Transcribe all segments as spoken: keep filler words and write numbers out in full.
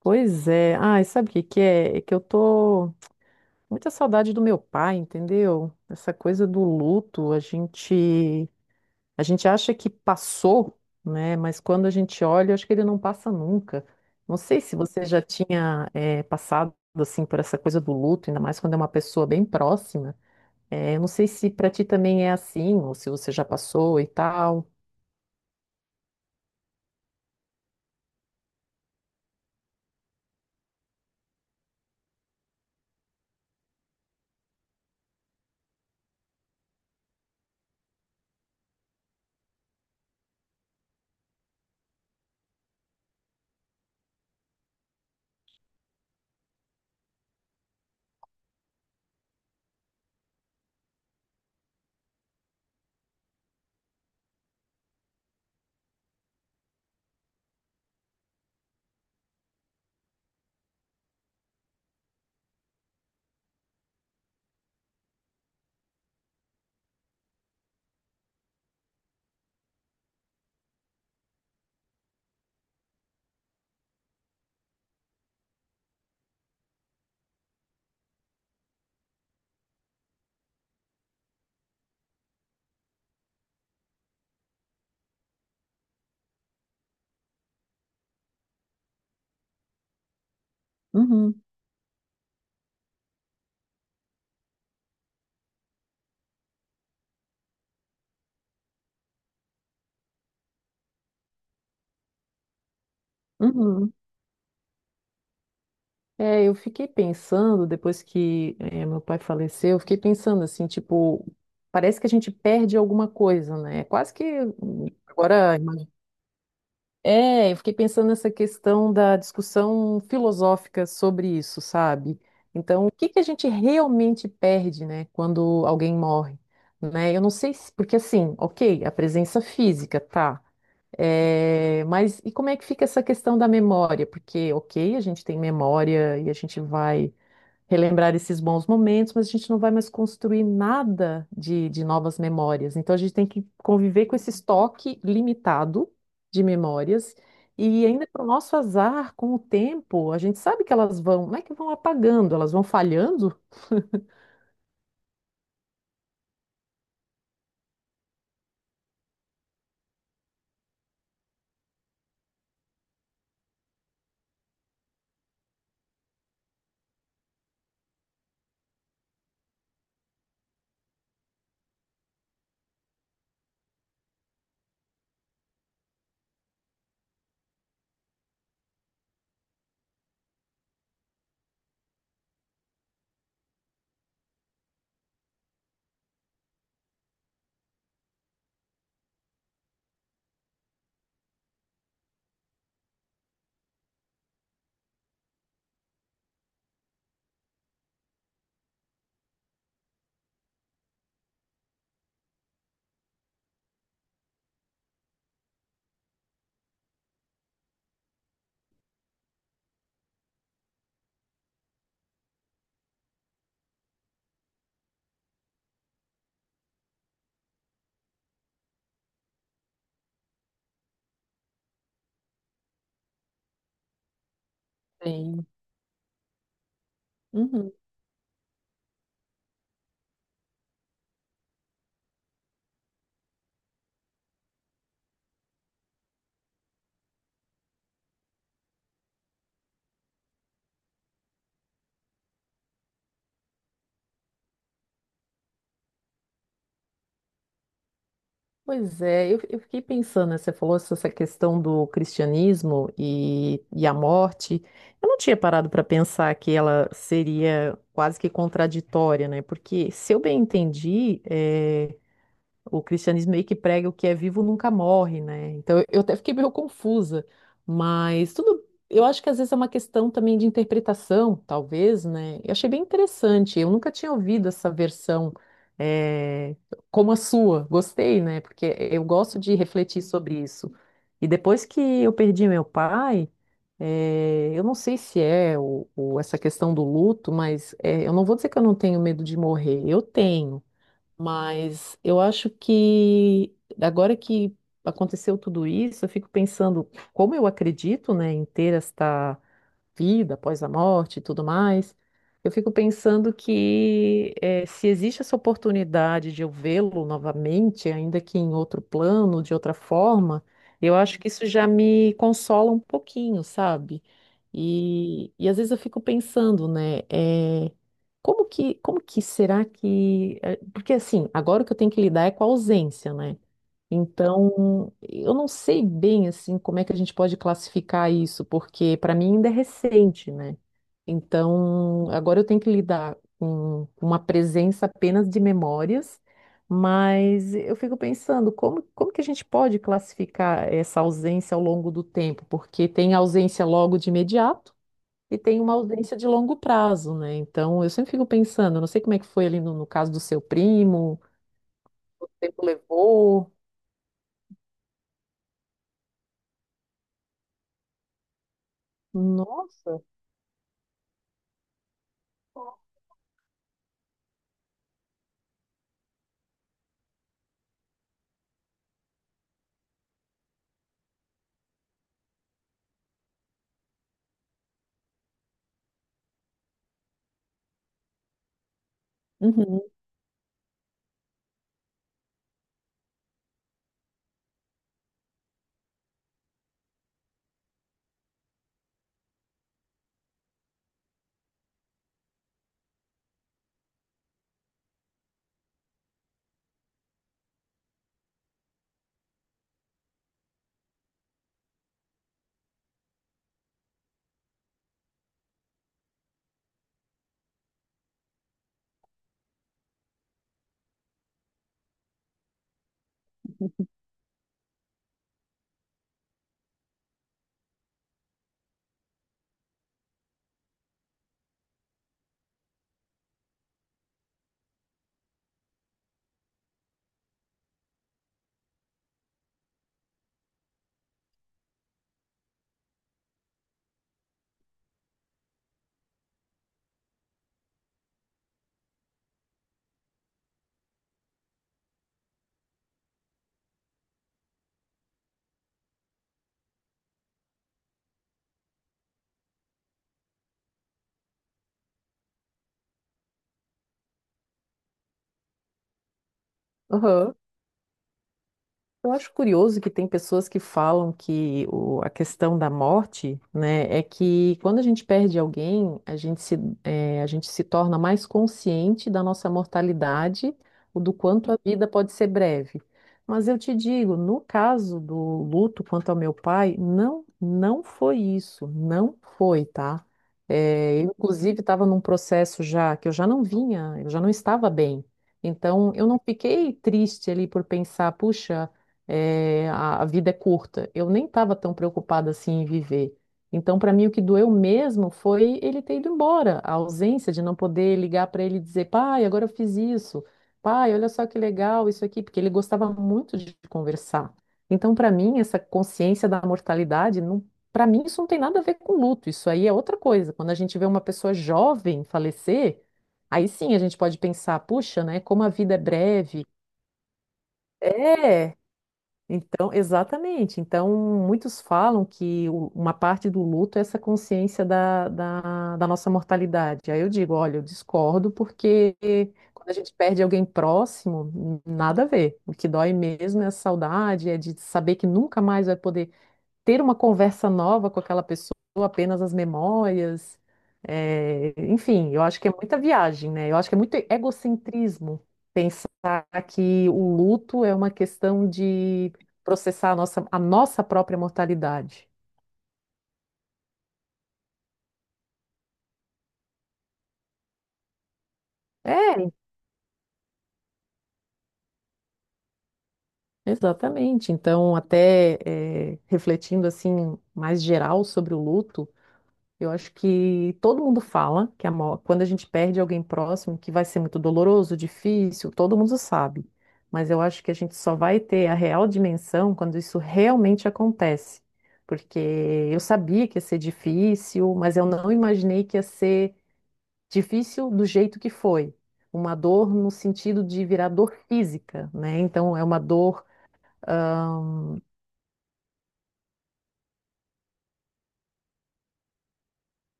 Pois é. Ai, sabe o que que é? É que eu tô com muita saudade do meu pai, entendeu? Essa coisa do luto, a gente a gente acha que passou, né? Mas quando a gente olha, eu acho que ele não passa nunca. Não sei se você já tinha eh, passado assim por essa coisa do luto, ainda mais quando é uma pessoa bem próxima. Eh, eu não sei se pra ti também é assim, ou se você já passou e tal. Uhum, uhum. É, eu fiquei pensando, depois que eh, meu pai faleceu, eu fiquei pensando assim, tipo, parece que a gente perde alguma coisa, né? É quase que hum, agora. imagi- É, eu fiquei pensando nessa questão da discussão filosófica sobre isso, sabe? Então, o que que a gente realmente perde, né, quando alguém morre, né? Eu não sei se, porque assim, ok, a presença física, tá. É, mas e como é que fica essa questão da memória? Porque, ok, a gente tem memória e a gente vai relembrar esses bons momentos, mas a gente não vai mais construir nada de, de novas memórias. Então a gente tem que conviver com esse estoque limitado de memórias. E ainda para o nosso azar, com o tempo, a gente sabe que elas vão, não é que vão apagando, elas vão falhando. Sim. Uhum. Pois é, eu, eu fiquei pensando, né, você falou sobre essa questão do cristianismo e, e a morte. Eu não tinha parado para pensar que ela seria quase que contraditória, né? Porque, se eu bem entendi, eh, o cristianismo meio que prega o que é vivo nunca morre, né? Então eu até fiquei meio confusa, mas tudo. Eu acho que às vezes é uma questão também de interpretação, talvez, né? Eu achei bem interessante. Eu nunca tinha ouvido essa versão eh, como a sua. Gostei, né? Porque eu gosto de refletir sobre isso. E depois que eu perdi meu pai, eh, eu não sei se é o, o- essa questão do luto, mas eh, eu não vou dizer que eu não tenho medo de morrer. Eu tenho. Mas eu acho que agora que aconteceu tudo isso, eu fico pensando como eu acredito, né, em ter esta vida após a morte e tudo mais, eu fico pensando que eh, se existe essa oportunidade de eu vê-lo novamente, ainda que em outro plano, de outra forma, eu acho que isso já me consola um pouquinho, sabe? E, e às vezes eu fico pensando, né? Eh, como que, como que será que. eh, Porque assim, agora o que eu tenho que lidar é com a ausência, né? Então, eu não sei bem assim como é que a gente pode classificar isso, porque para mim ainda é recente, né? Então, agora eu tenho que lidar com uma presença apenas de memórias, mas eu fico pensando como, como que a gente pode classificar essa ausência ao longo do tempo, porque tem ausência logo de imediato e tem uma ausência de longo prazo, né? Então, eu sempre fico pensando, eu não sei como é que foi ali no, no caso do seu primo, quanto tempo levou. Nossa. Uhum. Aham. Eu acho curioso que tem pessoas que falam que o- a questão da morte, né, é que quando a gente perde alguém, a gente se, eh, a gente se torna mais consciente da nossa mortalidade, o do quanto a vida pode ser breve. Mas eu te digo, no caso do luto quanto ao meu pai, não, não foi isso, não foi, tá? Eh, eu, inclusive, estava num processo já que eu já não vinha, eu já não estava bem. Então, eu não fiquei triste ali por pensar, puxa é, a, a vida é curta. Eu nem estava tão preocupada assim em viver. Então, para mim, o que doeu mesmo foi ele ter ido embora, a ausência de não poder ligar para ele e dizer, pai, agora eu fiz isso, pai, olha só que legal isso aqui, porque ele gostava muito de conversar. Então, para mim, essa consciência da mortalidade, não, para mim, isso não tem nada a ver com luto, isso aí é outra coisa. Quando a gente vê uma pessoa jovem falecer, aí sim a gente pode pensar, puxa, né, como a vida é breve. É, então, exatamente. Então, muitos falam que o- uma parte do luto é essa consciência da, da, da nossa mortalidade. Aí eu digo, olha, eu discordo porque quando a gente perde alguém próximo, nada a ver. O que dói mesmo é a saudade, é de saber que nunca mais vai poder ter uma conversa nova com aquela pessoa, apenas as memórias. É, enfim, eu acho que é muita viagem, né? Eu acho que é muito egocentrismo pensar que o luto é uma questão de processar a nossa, a nossa própria mortalidade. É, exatamente. Então, até é, refletindo assim mais geral sobre o luto, eu acho que todo mundo fala que a mor- quando a gente perde alguém próximo, que vai ser muito doloroso, difícil, todo mundo sabe. Mas eu acho que a gente só vai ter a real dimensão quando isso realmente acontece. Porque eu sabia que ia ser difícil, mas eu não imaginei que ia ser difícil do jeito que foi. Uma dor no sentido de virar dor física, né? Então é uma dor.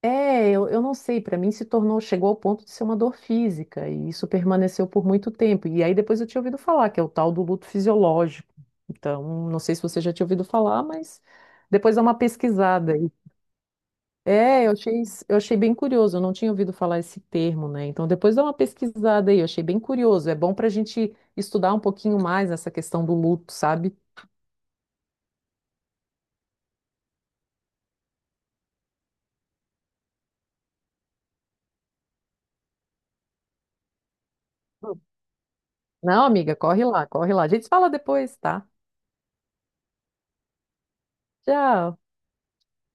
É, eu, eu não sei, para mim se tornou, chegou ao ponto de ser uma dor física, e isso permaneceu por muito tempo. E aí depois eu tinha ouvido falar, que é o tal do luto fisiológico. Então, não sei se você já tinha ouvido falar, mas depois dá uma pesquisada aí. É, eu achei, isso- eu achei bem curioso, eu não tinha ouvido falar esse termo, né? Então, depois dá uma pesquisada aí, eu achei bem curioso. É bom para a gente estudar um pouquinho mais essa questão do luto, sabe? Não, amiga, corre lá, corre lá. A gente se fala depois, tá? Tchau.